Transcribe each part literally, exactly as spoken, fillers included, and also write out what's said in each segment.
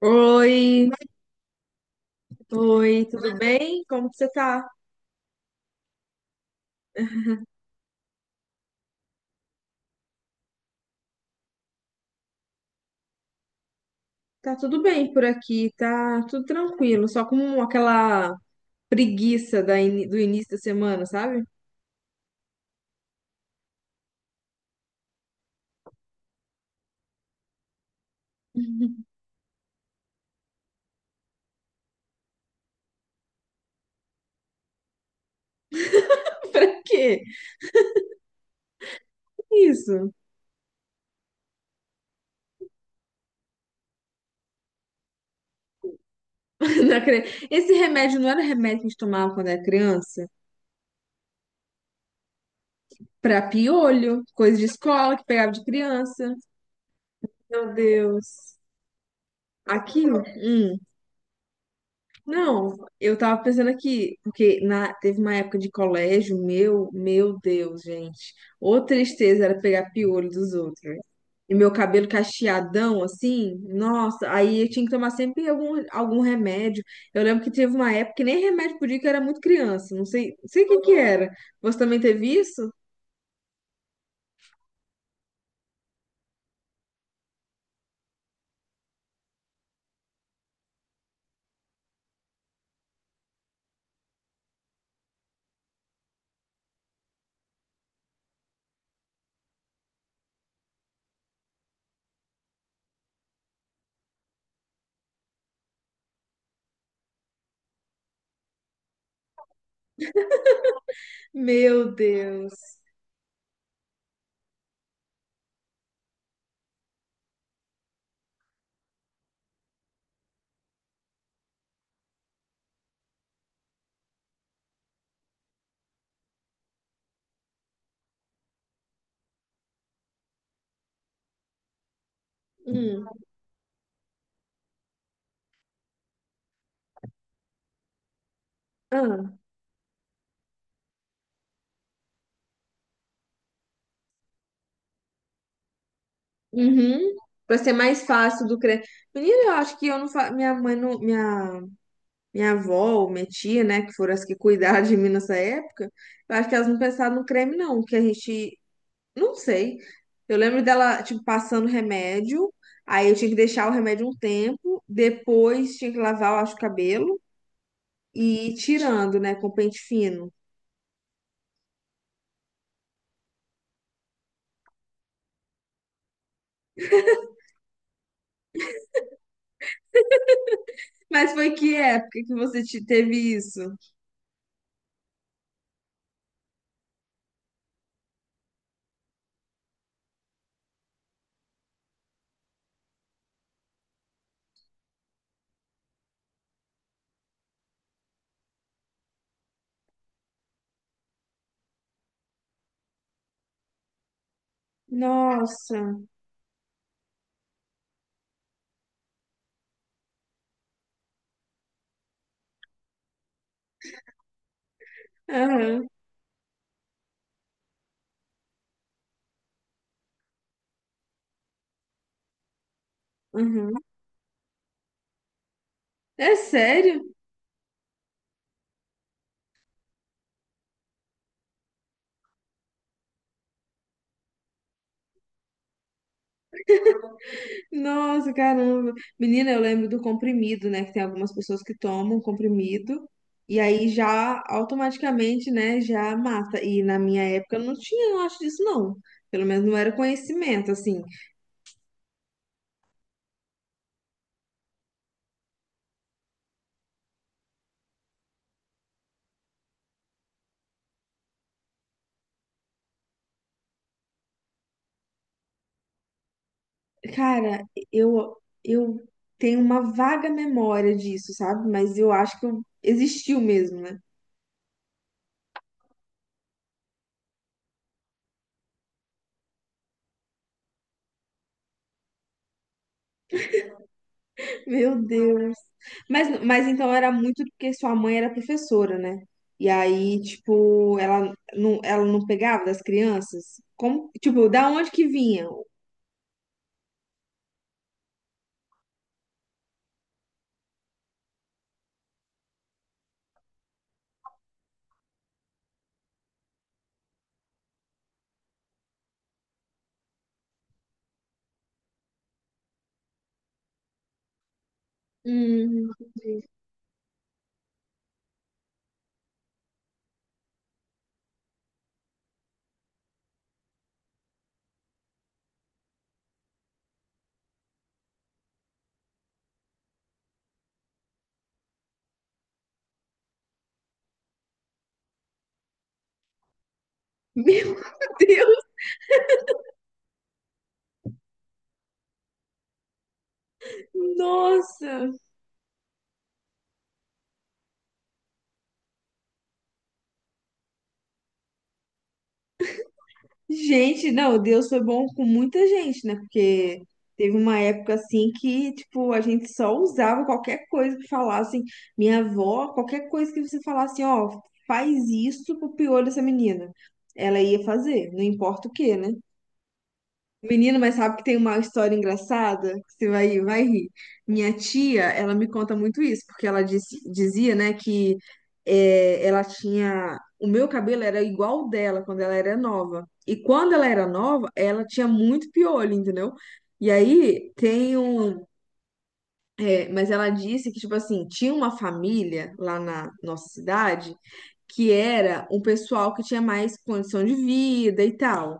Oi, oi, tudo bem? Como que você tá? Tá tudo bem por aqui, tá tudo tranquilo, só com aquela preguiça da ini- do início da semana, sabe? Pra quê? Isso. Não acre- Esse remédio não era um remédio que a gente tomava quando era criança? Pra piolho, coisa de escola que pegava de criança. Meu Deus. Aquilo? Não, eu tava pensando aqui, porque na, teve uma época de colégio, meu, meu Deus, gente. Ô tristeza era pegar piolho dos outros. E meu cabelo cacheadão, assim, nossa, aí eu tinha que tomar sempre algum, algum remédio. Eu lembro que teve uma época que nem remédio podia, que eu era muito criança, não sei, não sei o que que era. Você também teve isso? Meu Deus. Hum. Ah. Uhum. Pra ser mais fácil do cre... Menina, eu acho que eu não fa... minha mãe não, minha minha avó ou minha tia, né, que foram as que cuidaram de mim nessa época, eu acho que elas não pensaram no creme, não, que a gente, não sei. Eu lembro dela, tipo, passando remédio, aí eu tinha que deixar o remédio um tempo, depois tinha que lavar, eu acho, o cabelo e ir tirando, né, com pente fino. Mas foi que época que você te- teve isso? Nossa. Aham, aham. É sério? Nossa, caramba. Menina, eu lembro do comprimido, né? Que tem algumas pessoas que tomam comprimido e aí já automaticamente, né, já mata. E na minha época não tinha, eu acho disso não. Pelo menos não era conhecimento, assim. Cara, eu eu tenho uma vaga memória disso, sabe? Mas eu acho que eu- existiu mesmo, né? Meu Deus. Mas, mas então era muito porque sua mãe era professora, né? E aí, tipo, ela não, ela não pegava das crianças? Como, tipo, da onde que vinha? Hum. Meu Deus! Nossa! Gente, não, Deus foi bom com muita gente, né? Porque teve uma época assim que, tipo, a gente só usava qualquer coisa que falassem. Minha avó, qualquer coisa que você falasse, ó, faz isso pro piolho dessa menina. Ela ia fazer, não importa o que, né? Menina, mas sabe que tem uma história engraçada? Você vai, vai rir. Minha tia, ela me conta muito isso, porque ela disse- dizia, né, que é, ela tinha. O meu cabelo era igual o dela quando ela era nova. E quando ela era nova, ela tinha muito piolho, entendeu? E aí tem um. É, mas ela disse que, tipo assim, tinha uma família lá na nossa cidade que era um pessoal que tinha mais condição de vida e tal.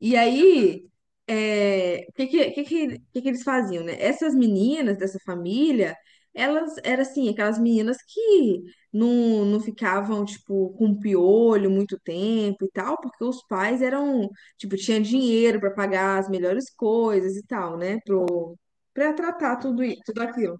E aí, é, o que, que, que, que, que que eles faziam, né? Essas meninas dessa família, elas eram assim, aquelas meninas que não, não ficavam, tipo, com piolho muito tempo e tal, porque os pais eram, tipo, tinha dinheiro para pagar as melhores coisas e tal, né? Pro, pra tratar tudo, i- tudo aquilo.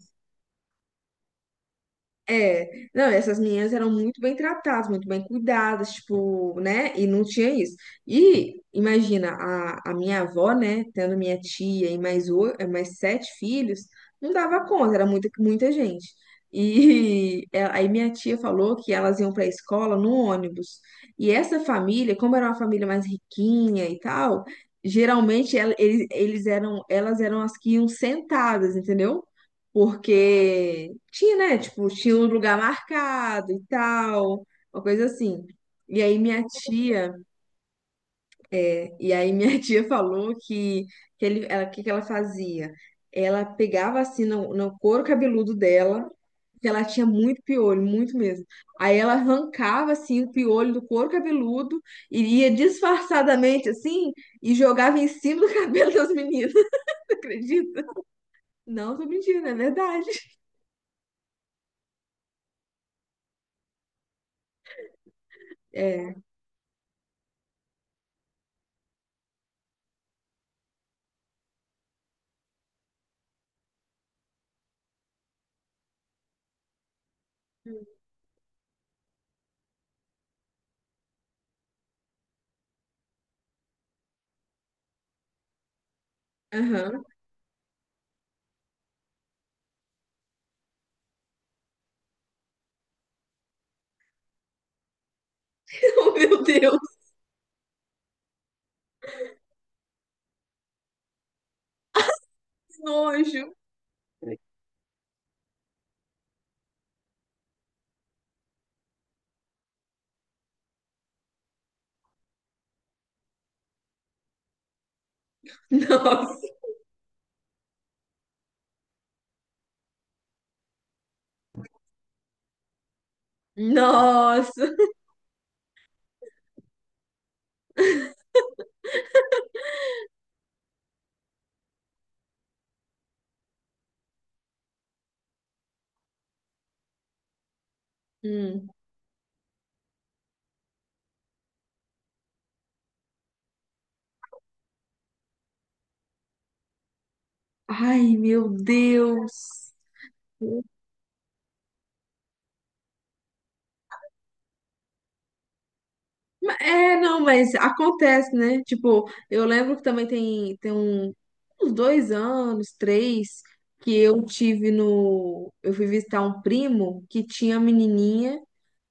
É, não, essas meninas eram muito bem tratadas, muito bem cuidadas, tipo, né? E não tinha isso. E imagina, a, a minha avó, né, tendo minha tia e mais, o- mais sete filhos, não dava conta, era muita, muita gente. E é, aí minha tia falou que elas iam para a escola no ônibus. E essa família, como era uma família mais riquinha e tal, geralmente ela- eles, eles eram, elas eram as que iam sentadas, entendeu? Porque tinha, né? Tipo, tinha um lugar marcado e tal, uma coisa assim. E aí minha tia, é, e aí minha tia falou que, que ele, ela, que que ela fazia? Ela pegava assim no, no couro cabeludo dela, que ela tinha muito piolho, muito mesmo. Aí ela arrancava assim o piolho do couro cabeludo, e ia disfarçadamente assim e jogava em cima do cabelo das meninas, acredita? Não, tô mentindo, é verdade. É. Aham. Oh, meu Deus. Nojo. Nossa. Nossa. Hum. Ai, meu Deus. Ma- É, não, mas acontece, né? Tipo, eu lembro que também tem, tem um- uns dois anos, três, que eu tive no. Eu fui visitar um primo que tinha menininha.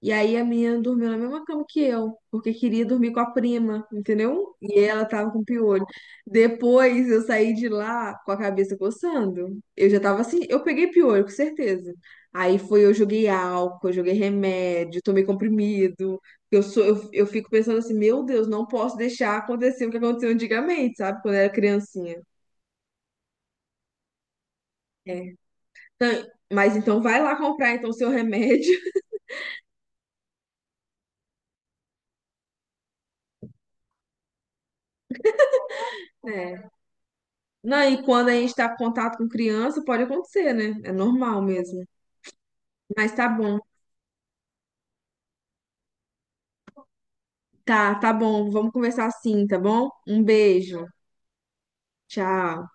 E aí a menina dormiu na mesma cama que eu, porque queria dormir com a prima, entendeu? E ela tava com piolho. Depois eu saí de lá com a cabeça coçando. Eu já tava assim, eu peguei piolho, com certeza. Aí foi, eu joguei álcool, eu joguei remédio, tomei comprimido. Eu sou, eu, eu fico pensando assim, meu Deus, não posso deixar acontecer o que aconteceu antigamente, sabe? Quando eu era criancinha. É. Então, mas então vai lá comprar então o seu remédio. É. Não, e quando a gente tá em contato com criança, pode acontecer, né? É normal mesmo. Mas tá bom. Tá, tá bom. Vamos conversar assim, tá bom? Um beijo. Tchau.